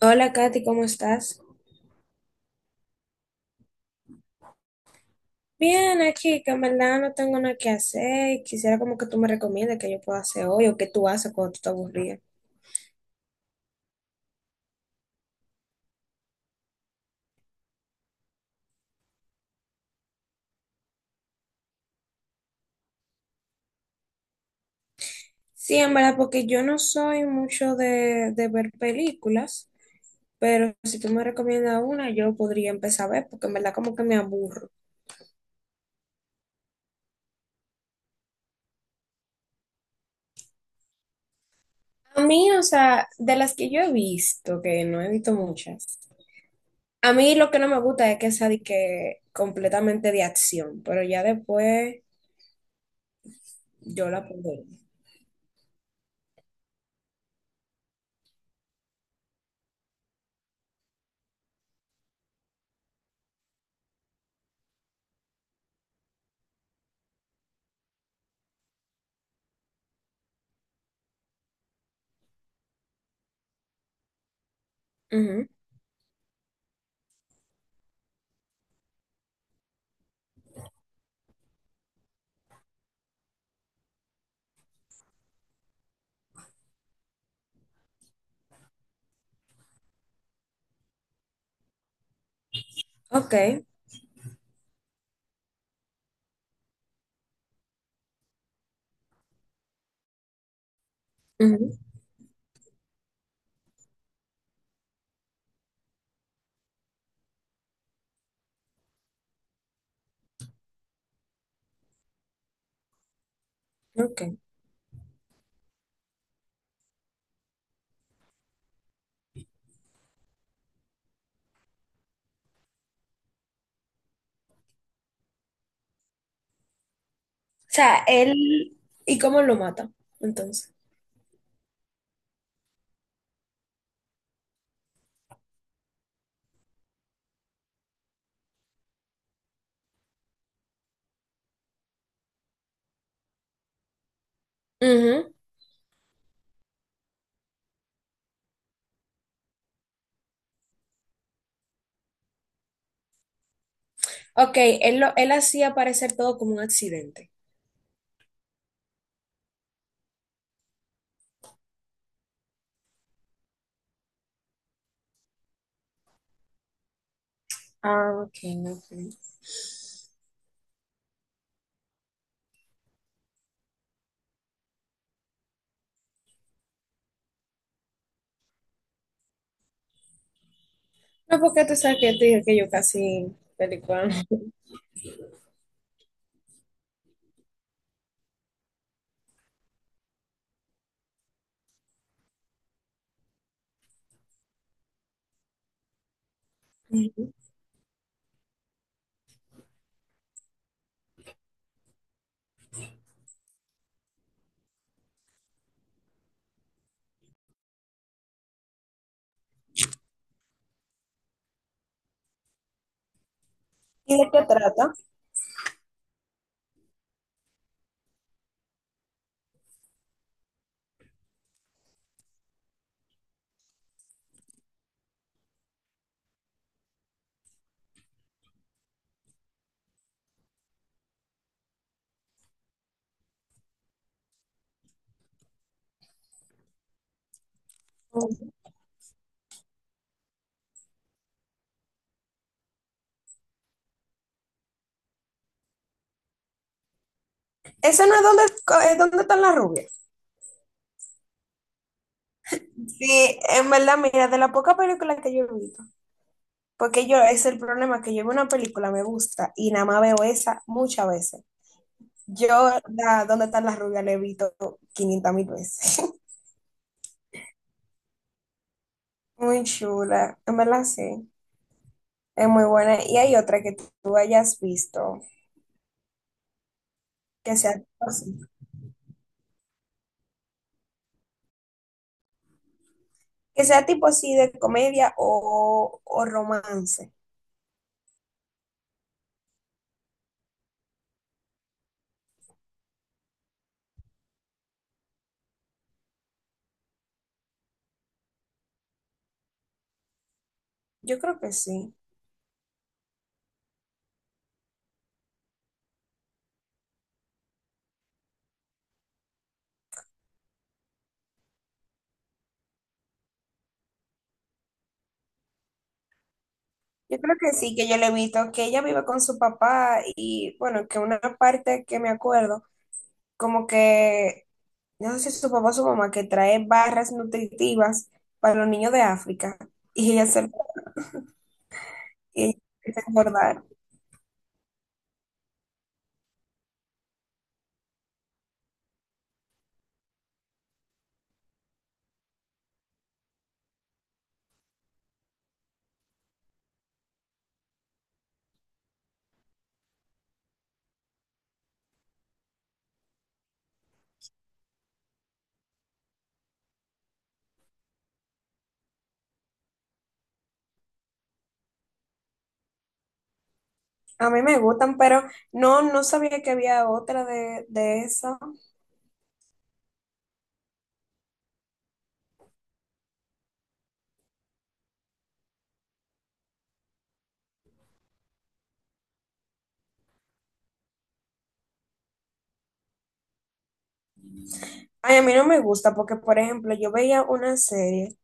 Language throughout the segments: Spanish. Hola, Katy, ¿cómo estás? Bien, aquí, que en verdad no tengo nada que hacer y quisiera como que tú me recomiendes que yo pueda hacer hoy o qué tú haces cuando tú te aburrías. Sí, en verdad, porque yo no soy mucho de ver películas, pero si tú me recomiendas una, yo podría empezar a ver, porque en verdad como que me aburro. A mí, o sea, de las que yo he visto, que no he visto muchas, a mí lo que no me gusta es que sea de que completamente de acción, pero ya después yo la puedo ver. Ujú. Ok, ujú, ok. O sea, él, ¿y cómo lo mata? Entonces. Ujú. Ok, él, lo, él hacía parecer todo como un accidente. Ah, ok, ok. No, porque tú sabes que yo te dije que yo casi película. Ujú. ¿Y de qué trata? Eso no es donde, ¿es donde están las rubias? Sí, en verdad, mira, de la poca película que yo he visto, porque yo, es el problema, que yo veo una película, me gusta, y nada más veo esa muchas veces. Yo, la, ¿dónde están las rubias? La he visto 500 mil veces. Muy chula, en verdad sí, es muy buena. Y hay otra que tú hayas visto, que sea tipo así, que sea tipo así de comedia o romance. Yo creo que sí. Yo creo que sí, que yo le he visto que ella vive con su papá y bueno, que una parte que me acuerdo, como que, no sé si es su papá o su mamá, que trae barras nutritivas para los niños de África y ella se, y ella se engordar. A mí me gustan, pero no, no sabía que había otra de eso. Ay, a mí no me gusta porque, por ejemplo, yo veía una serie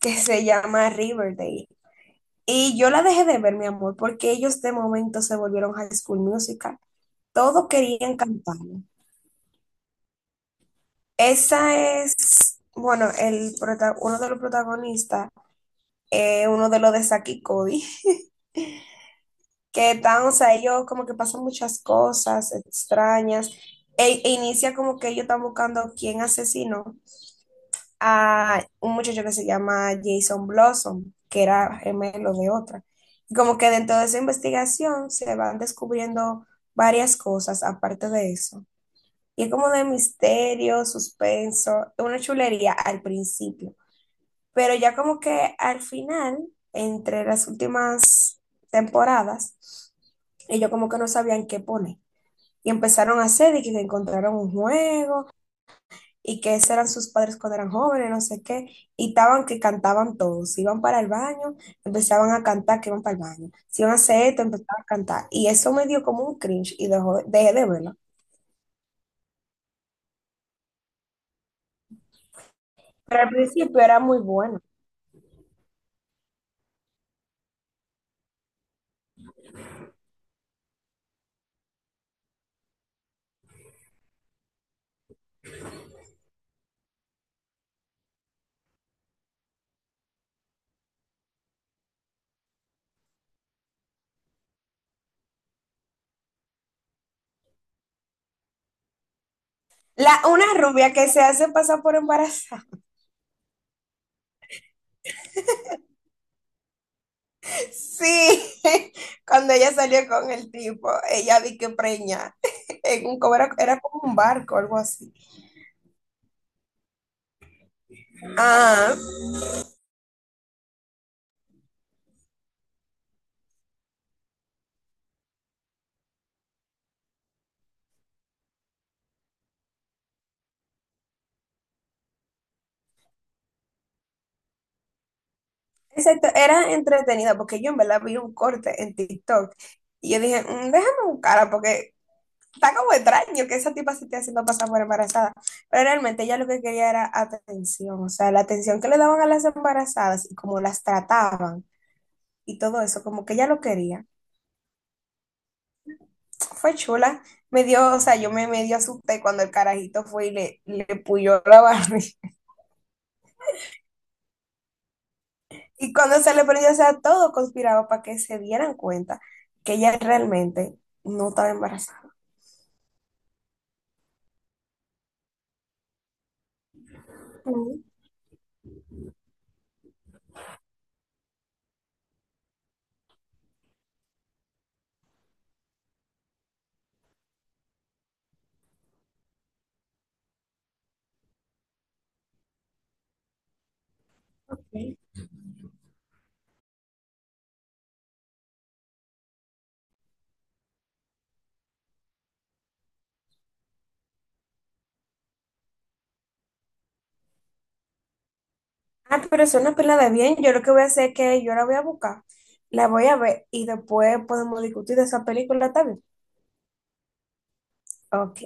que se llama Riverdale y yo la dejé de ver, mi amor, porque ellos de momento se volvieron High School Musical. Todos querían cantar. Esa es, bueno, el prota- uno de los protagonistas, uno de los de Saki y Cody, que están, o sea, ellos como que pasan muchas cosas extrañas, e inicia como que ellos están buscando quién asesinó a un muchacho que se llama Jason Blossom, que era gemelo de otra. Y como que dentro de esa investigación se van descubriendo varias cosas aparte de eso. Y es como de misterio, suspenso, una chulería al principio. Pero ya como que al final, entre las últimas temporadas, ellos como que no sabían qué poner. Y empezaron a hacer y que encontraron un juego y que esos eran sus padres cuando eran jóvenes, no sé qué. Y estaban que cantaban todos. Iban para el baño, empezaban a cantar que iban para el baño. Si iban a hacer esto, empezaban a cantar. Y eso me dio como un cringe y dejó- dejé de verlo. Pero al principio era muy bueno. La, una rubia que se hace pasar por embarazada. Sí, cuando ella salió con el tipo, ella vi que preña. En un, como era, era como un barco, algo así. Ah, exacto, era entretenida porque yo en verdad vi un corte en TikTok y yo dije, "Mm, déjame buscarla porque está como extraño que esa tipa se esté haciendo pasar por embarazada. Pero realmente ella lo que quería era atención, o sea, la atención que le daban a las embarazadas y cómo las trataban y todo eso, como que ella lo quería. Fue chula. Me dio, o sea, yo me medio asusté cuando el carajito fue y le puyó la barriga. Y cuando se le prendió, o sea, todo conspiraba para que se dieran cuenta que ella realmente no estaba embarazada. Mm, ok. Ah, pero es una pila de bien. Yo lo que voy a hacer es que yo la voy a buscar, la voy a ver y después podemos discutir de esa película también. Ok.